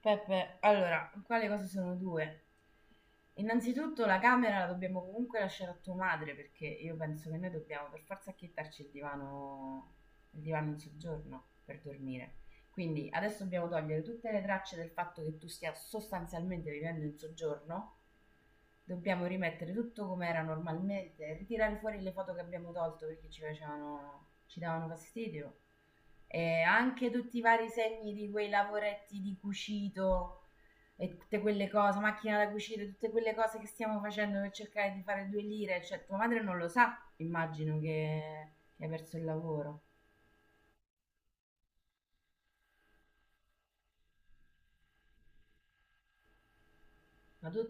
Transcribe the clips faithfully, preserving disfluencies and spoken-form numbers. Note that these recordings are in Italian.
Peppe, allora, qua le cose sono due. Innanzitutto la camera la dobbiamo comunque lasciare a tua madre perché io penso che noi dobbiamo per forza acchittarci il divano, il divano in soggiorno per dormire. Quindi adesso dobbiamo togliere tutte le tracce del fatto che tu stia sostanzialmente vivendo in soggiorno. Dobbiamo rimettere tutto come era normalmente, ritirare fuori le foto che abbiamo tolto perché ci facevano, ci davano fastidio e anche tutti i vari segni di quei lavoretti di cucito e tutte quelle cose, macchina da cucire, tutte quelle cose che stiamo facendo per cercare di fare due lire, cioè tua madre non lo sa, immagino che, che hai perso il lavoro, ma tu.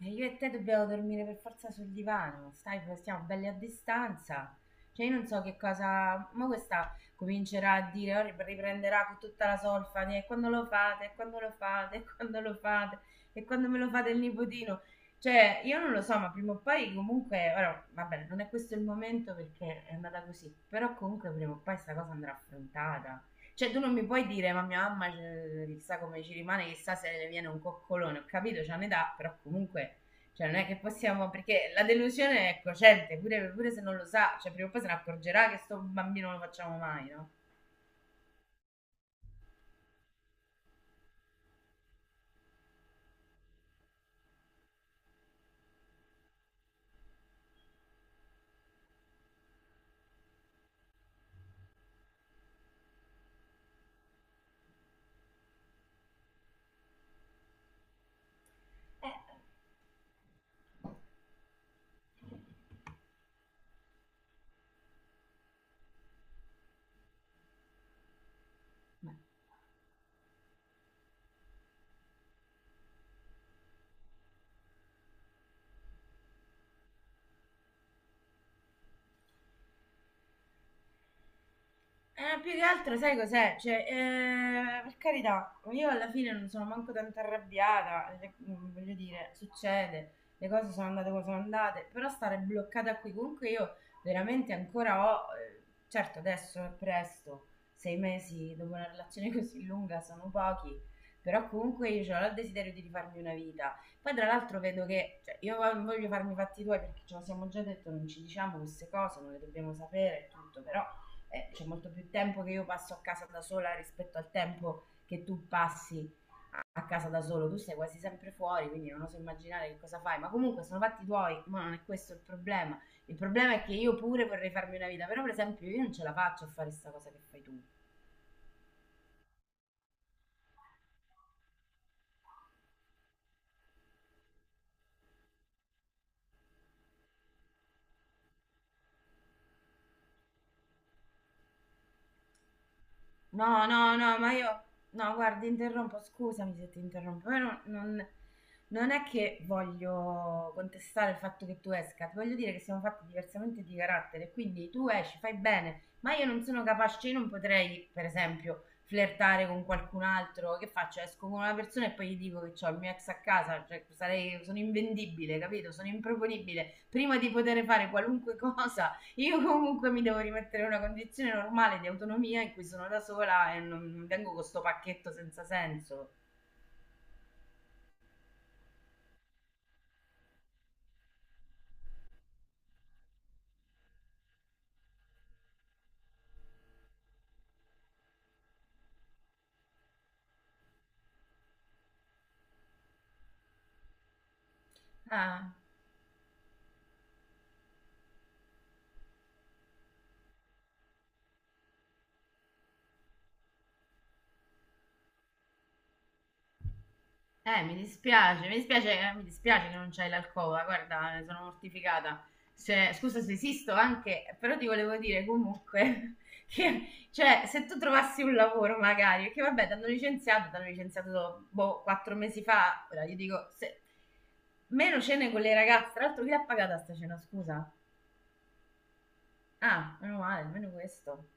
E io e te dobbiamo dormire per forza sul divano, stai, stiamo belli a distanza. Cioè, io non so che cosa. Ma questa comincerà a dire, "Oh, rip- riprenderà con tutta la solfa di, e quando lo fate, e quando lo fate, e quando lo fate, e quando me lo fate il nipotino." Cioè, io non lo so, ma prima o poi comunque. Ora, vabbè, non è questo il momento perché è andata così. Però comunque prima o poi questa cosa andrà affrontata. Cioè, tu non mi puoi dire, ma mia mamma eh, chissà come ci rimane, chissà se ne viene un coccolone. Ho capito, c'è un'età, però comunque, cioè, non è che possiamo, perché la delusione è cocente, pure, pure se non lo sa, cioè, prima o poi se ne accorgerà che sto bambino non lo facciamo mai, no? Eh. Eh, più che altro, sai cos'è? Cioè, eh, per carità, io alla fine non sono manco tanto arrabbiata, le- mm, voglio dire, succede, le cose sono andate come sono andate, però stare bloccata qui, comunque io veramente ancora ho, eh, certo adesso è presto, sei mesi dopo una relazione così lunga sono pochi, però comunque io cioè, ho il desiderio di rifarmi una vita. Poi tra l'altro vedo che, cioè, io non voglio farmi i fatti tuoi perché ce lo siamo già detto, non ci diciamo queste cose, non le dobbiamo sapere e tutto, però eh, c'è molto più tempo che io passo a casa da sola rispetto al tempo che tu passi a casa da solo, tu sei quasi sempre fuori, quindi non oso immaginare che cosa fai, ma comunque sono fatti tuoi, ma non è questo il problema. Il problema è che io pure vorrei farmi una vita, però per esempio io non ce la faccio a fare questa cosa che fai tu. No, no, no, ma io... No, guarda, interrompo, scusami se ti interrompo, però non, non è che voglio contestare il fatto che tu esca, ti voglio dire che siamo fatti diversamente di carattere, quindi tu esci, fai bene, ma io non sono capace, io non potrei, per esempio, flirtare con qualcun altro, che faccio? Esco con una persona e poi gli dico che ho il mio ex a casa, cioè sarei, sono invendibile, capito? Sono improponibile, prima di poter fare qualunque cosa io comunque mi devo rimettere in una condizione normale di autonomia in cui sono da sola e non vengo con sto pacchetto senza senso. Ah, eh, mi dispiace, mi dispiace, eh, mi dispiace che non c'hai l'alcova, guarda, ne sono mortificata. Cioè, scusa se esisto anche, però ti volevo dire comunque che, cioè, se tu trovassi un lavoro magari, perché vabbè, ti hanno licenziato, ti hanno licenziato, boh, quattro mesi fa, ora io dico, se, meno cene con le ragazze, tra l'altro chi l'ha pagata sta cena, scusa? Ah, meno male, almeno questo.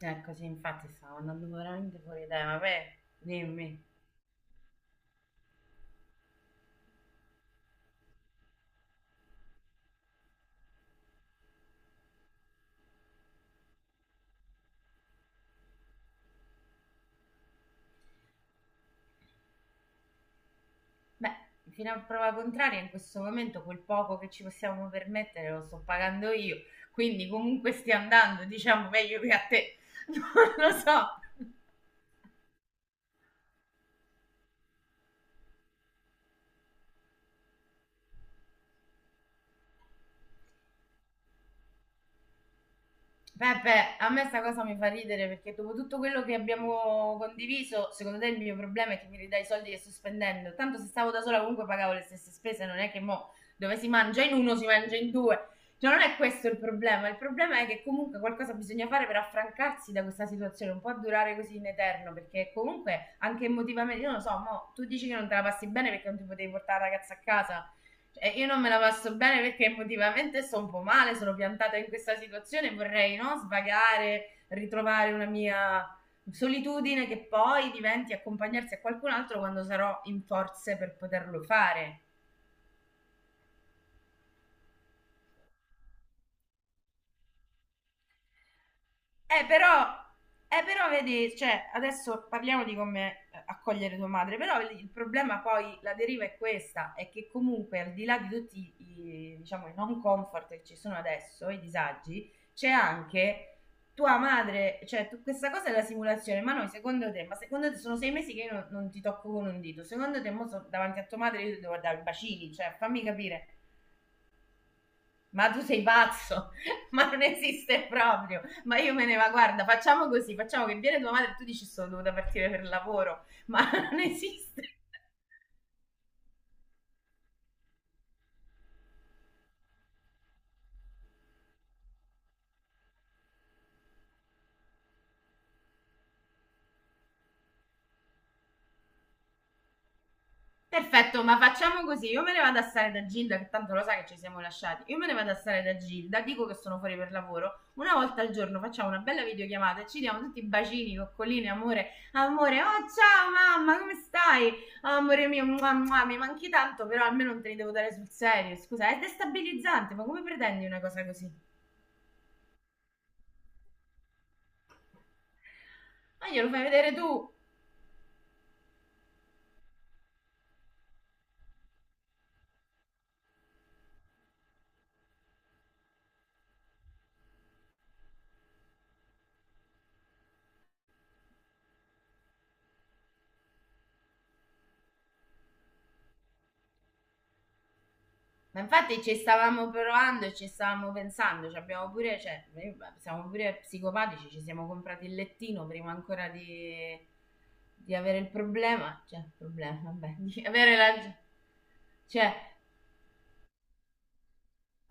Eccoci, infatti stavo andando veramente fuori tema. Vabbè, dimmi. Beh, fino a prova contraria, in questo momento quel poco che ci possiamo permettere lo sto pagando io, quindi comunque stia andando, diciamo, meglio che a te. Non lo so. Peppe, a me sta cosa mi fa ridere perché dopo tutto quello che abbiamo condiviso, secondo te il mio problema è che mi ridai i soldi che sto spendendo. Tanto se stavo da sola comunque pagavo le stesse spese, non è che mo dove si mangia in uno si mangia in due. Cioè non è questo il problema, il problema è che comunque qualcosa bisogna fare per affrancarsi da questa situazione, non può durare così in eterno perché comunque anche emotivamente, io non lo so, mo tu dici che non te la passi bene perché non ti potevi portare la ragazza a casa, cioè, io non me la passo bene perché emotivamente sto un po' male, sono piantata in questa situazione, vorrei no, svagare, ritrovare una mia solitudine che poi diventi accompagnarsi a qualcun altro quando sarò in forze per poterlo fare. Eh, però, eh, però vedi, cioè, adesso parliamo di come eh, accogliere tua madre, però il il problema poi, la deriva è questa, è che comunque al di là di tutti i, diciamo, i non comfort che ci sono adesso, i disagi, c'è anche tua madre, cioè tu- questa cosa è la simulazione, ma noi secondo te, ma secondo te sono sei mesi che io non, non ti tocco con un dito, secondo te mo so- davanti a tua madre io ti devo dare i bacini, cioè fammi capire. Ma tu sei pazzo, ma non esiste proprio. Ma io me ne va, guarda, facciamo così, facciamo che viene tua madre e tu dici sono dovuta partire per lavoro, ma non esiste. Perfetto, ma facciamo così. Io me ne vado a stare da Gilda, che tanto lo sa che ci siamo lasciati. Io me ne vado a stare da Gilda, dico che sono fuori per lavoro. Una volta al giorno facciamo una bella videochiamata e ci diamo tutti bacini, coccoline, amore. Amore, oh ciao mamma, come stai? Oh, amore mio, mua, mua, mi manchi tanto, però almeno non te li devo dare sul serio. Scusa, è destabilizzante, ma come pretendi una cosa così? Ma glielo fai vedere tu. Ma infatti ci stavamo provando e ci stavamo pensando, ci abbiamo pure, cioè, noi siamo pure psicopatici, ci siamo comprati il lettino prima ancora di, di avere il problema, cioè, il problema, vabbè, di avere la... Cioè,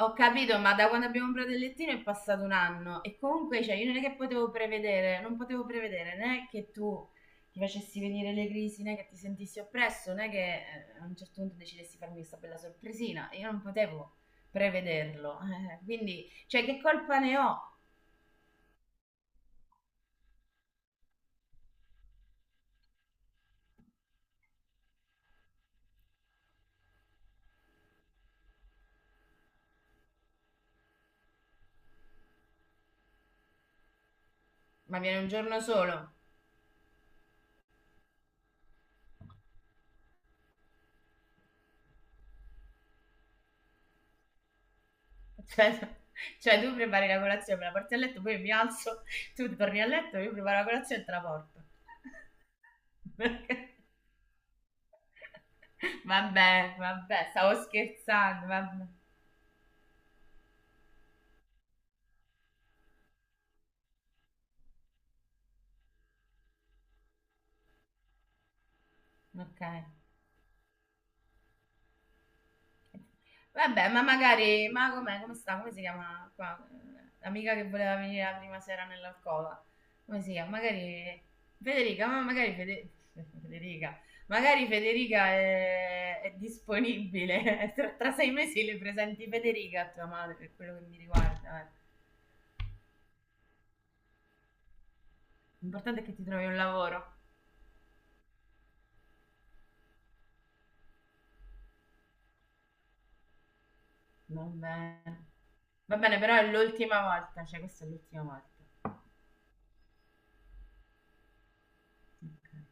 ho capito, ma da quando abbiamo comprato il lettino è passato un anno e comunque, cioè, io non è che potevo prevedere, non potevo prevedere né che tu ti facessi venire le crisi, né che ti sentissi oppresso, né che eh, a un certo punto decidessi farmi questa bella sorpresina. Io non potevo prevederlo. Eh, quindi, cioè, che colpa ne ho? Ma viene un giorno solo. Cioè, cioè, tu prepari la colazione, me la porti a letto, poi mi alzo, tu torni a letto, io preparo la colazione e te la porto. Perché? Vabbè, vabbè, stavo scherzando, vabbè. Ok. Vabbè, ma magari, ma com'è, come sta, come si chiama qua? L'amica che voleva venire la prima sera nell'alcova. Come si chiama? Magari Federica, ma magari Fede- Federica, magari Federica è, è disponibile. Tra, tra sei mesi le presenti Federica a tua madre, per quello che mi riguarda. Eh. L'importante è che ti trovi un lavoro. Va bene. Va bene, però è l'ultima volta, cioè questa è l'ultima volta. Ok.